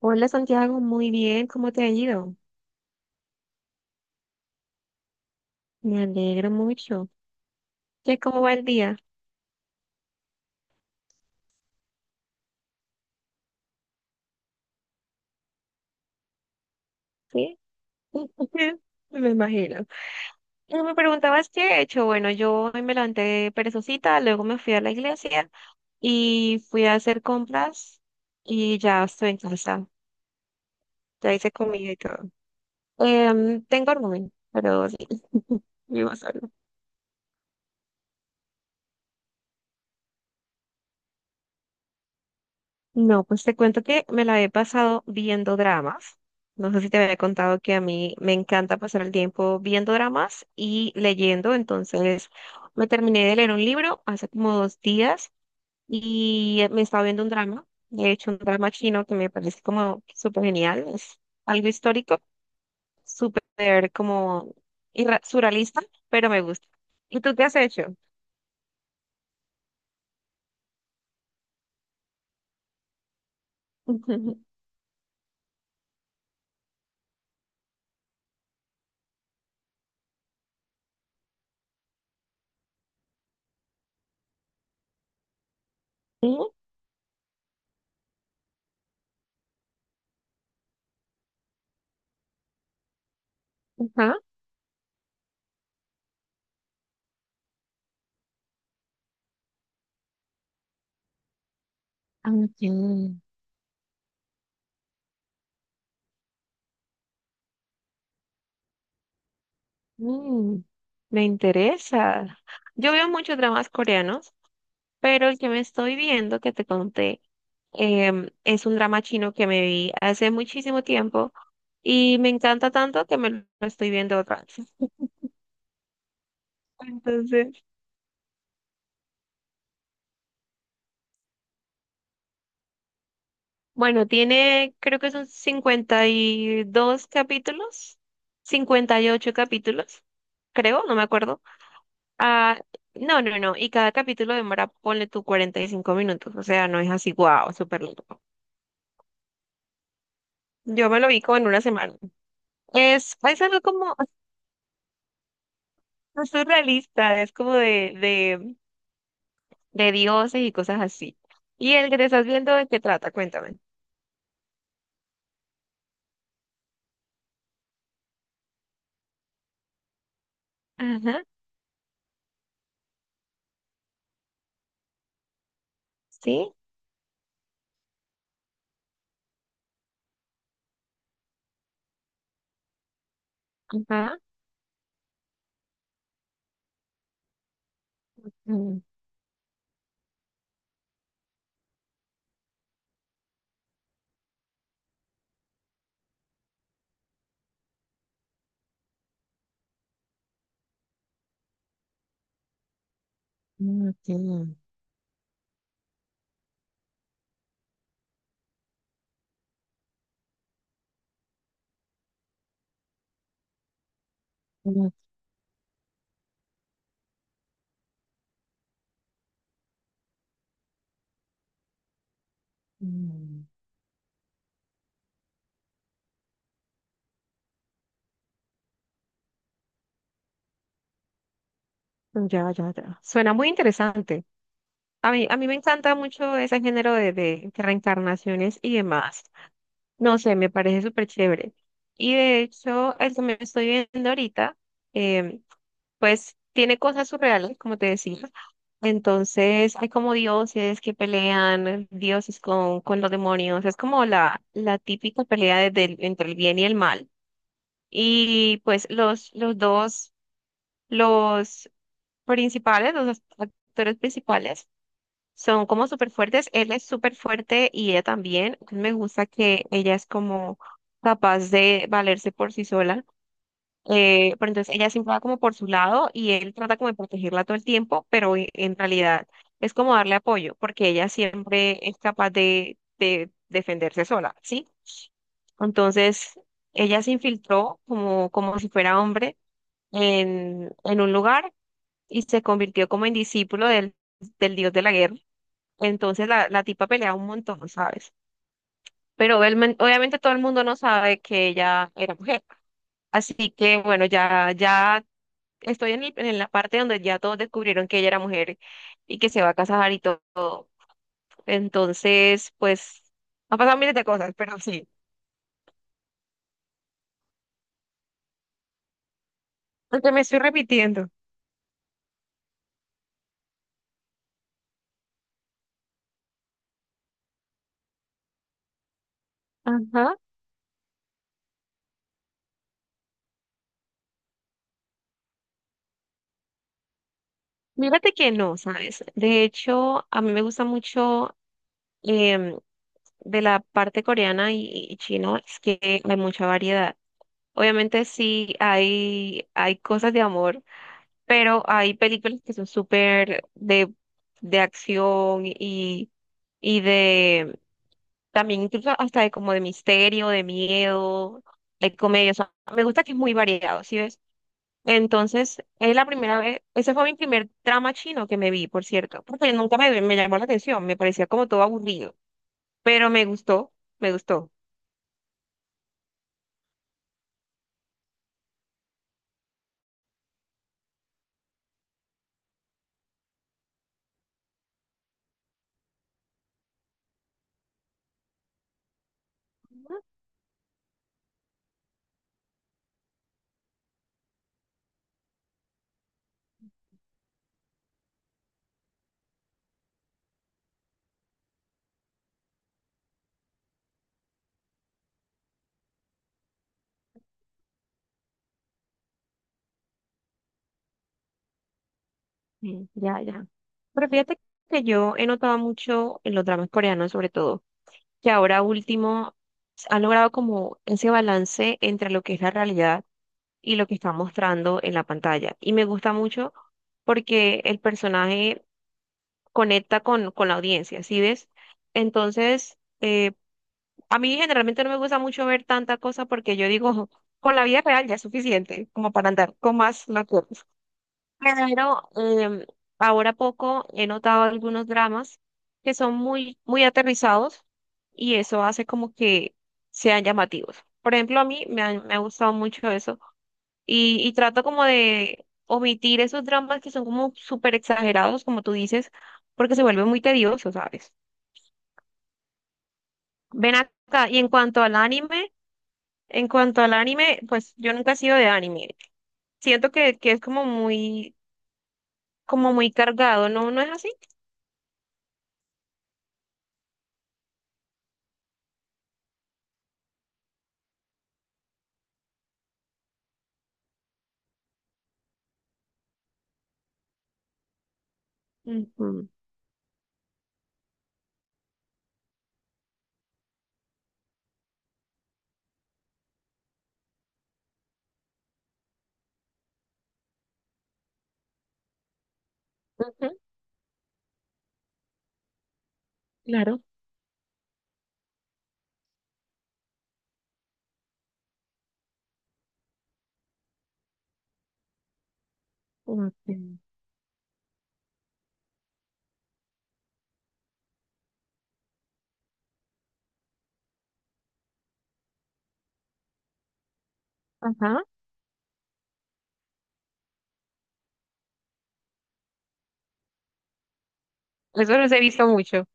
Hola Santiago, muy bien, ¿cómo te ha ido? Me alegro mucho. ¿Qué, cómo va el día? Sí, me imagino. Y me preguntabas qué he hecho. Bueno, yo hoy me levanté perezosita, luego me fui a la iglesia y fui a hacer compras y ya estoy en casa. Ya hice comida y todo. Tengo rumen, pero sí, vivo sola. No, pues te cuento que me la he pasado viendo dramas. No sé si te había contado que a mí me encanta pasar el tiempo viendo dramas y leyendo. Entonces, me terminé de leer un libro hace como 2 días y me estaba viendo un drama. De hecho, un drama chino que me parece como súper genial. Es algo histórico, súper como surrealista, pero me gusta. ¿Y tú qué has hecho? Ujú. Ajá. Ah, ok. Mm, me interesa. Yo veo muchos dramas coreanos, pero el que me estoy viendo, que te conté, es un drama chino que me vi hace muchísimo tiempo y me encanta tanto que me lo estoy viendo otra vez. Entonces, bueno, tiene, creo que son 52 capítulos, 58 capítulos, creo, no me acuerdo. Ah, no, no, no, y cada capítulo demora, ponle tú 45 minutos, o sea, no es así, wow, súper largo. Yo me lo vi como en una semana. Es algo como surrealista, es como de dioses y cosas así. ¿Y el que te estás viendo de qué trata? Cuéntame. Ajá, sí, ajá. Mm, mm, mm, mm, mm. Ya, ya, ya. Suena muy interesante. A mí me encanta mucho ese género de reencarnaciones y demás. No sé, me parece súper chévere. Y de hecho, el que me estoy viendo ahorita, em, pues tiene cosas surreales, como te decía. Entonces hay como dioses que pelean, dioses con los demonios. Es como la típica pelea entre el bien y el mal. Y pues los dos, los principales, los actores principales, son como súper fuertes. Él es súper fuerte y ella también. Me gusta que ella es como capaz de valerse por sí sola, pero entonces ella siempre va como por su lado y él trata como de protegerla todo el tiempo, pero en realidad es como darle apoyo, porque ella siempre es capaz de defenderse sola, ¿sí? Entonces ella se infiltró como, como si fuera hombre en un lugar y se convirtió como en discípulo del dios de la guerra. Entonces la tipa pelea un montón, ¿sabes? Pero obviamente todo el mundo no sabe que ella era mujer. Así que bueno, ya, ya estoy en la parte donde ya todos descubrieron que ella era mujer y que se va a casar y todo. Entonces, pues, han pasado miles de cosas, pero sí. Aunque me estoy repitiendo. Ajá. Mírate que no, ¿sabes? De hecho, a mí me gusta mucho, em, de la parte coreana y chino, es que hay mucha variedad. Obviamente sí hay cosas de amor, pero hay películas que son súper de acción y de También incluso hasta de como de misterio, de miedo, de comedia. O sea, me gusta que es muy variado, ¿sí ves? Entonces, es la primera vez, ese fue mi primer drama chino que me vi, por cierto, porque nunca me llamó la atención, me parecía como todo aburrido, pero me gustó, me gustó. Mm, ya, ya. Pero fíjate que yo he notado mucho en los dramas coreanos, sobre todo, que ahora último han logrado como ese balance entre lo que es la realidad y lo que está mostrando en la pantalla. Y me gusta mucho porque el personaje conecta con la audiencia, ¿sí ves? Entonces, a mí generalmente no me gusta mucho ver tanta cosa porque yo digo, con la vida real ya es suficiente como para andar con más locuras. Pero ahora poco he notado algunos dramas que son muy, muy aterrizados y eso hace como que sean llamativos. Por ejemplo, a mí me ha gustado mucho eso y trato como de omitir esos dramas que son como súper exagerados, como tú dices, porque se vuelve muy tedioso, ¿sabes? Ven acá, y en cuanto al anime, pues yo nunca he sido de anime. Siento que es como muy cargado, ¿no? ¿No es así? Ujú, ujú, claro. Ok. Ajá. Eso los he visto mucho.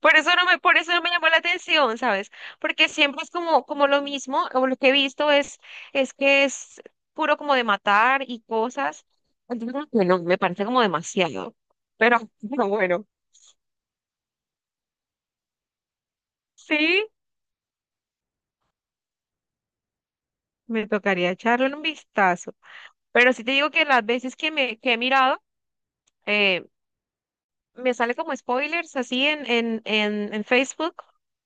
Por eso no me llamó la atención, ¿sabes? Porque siempre es como lo mismo, o lo que he visto es que es puro como de matar y cosas. Entonces, como que no, me parece como demasiado. Pero, pero bueno, sí, me tocaría echarle un vistazo. Pero sí te digo que las veces que he mirado, eh, me sale como spoilers así en Facebook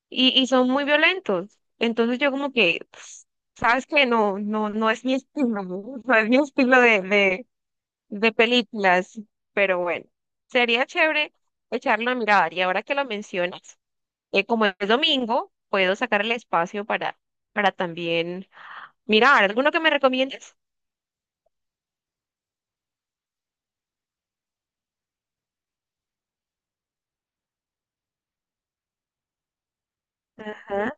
y son muy violentos. Entonces yo como que, pues, sabes que no, no, no es mi estilo, no. No es mi estilo de películas, pero bueno, sería chévere echarlo a mirar. Y ahora que lo mencionas, como es domingo, puedo sacar el espacio para, también mirar. ¿Alguno que me recomiendes? Ajá.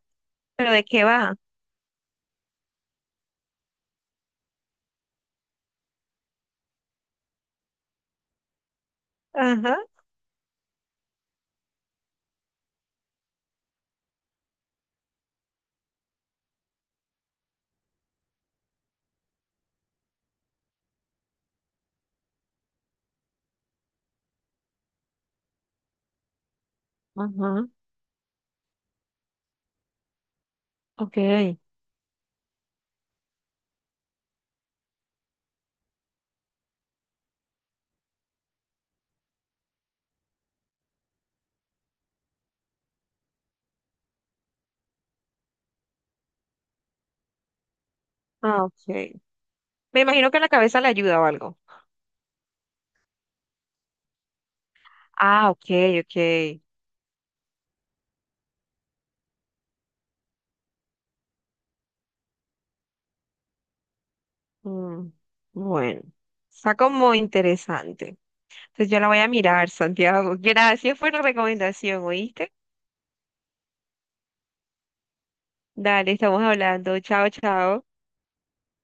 ¿Pero de qué va? Ajá. Ajá. Ok. Ah, ok. Me imagino que la cabeza le ayuda o algo. Ah, ok, ok. Mm, bueno, está como interesante. Entonces yo la voy a mirar, Santiago. Gracias por la recomendación, ¿oíste? Dale, estamos hablando. Chao, chao.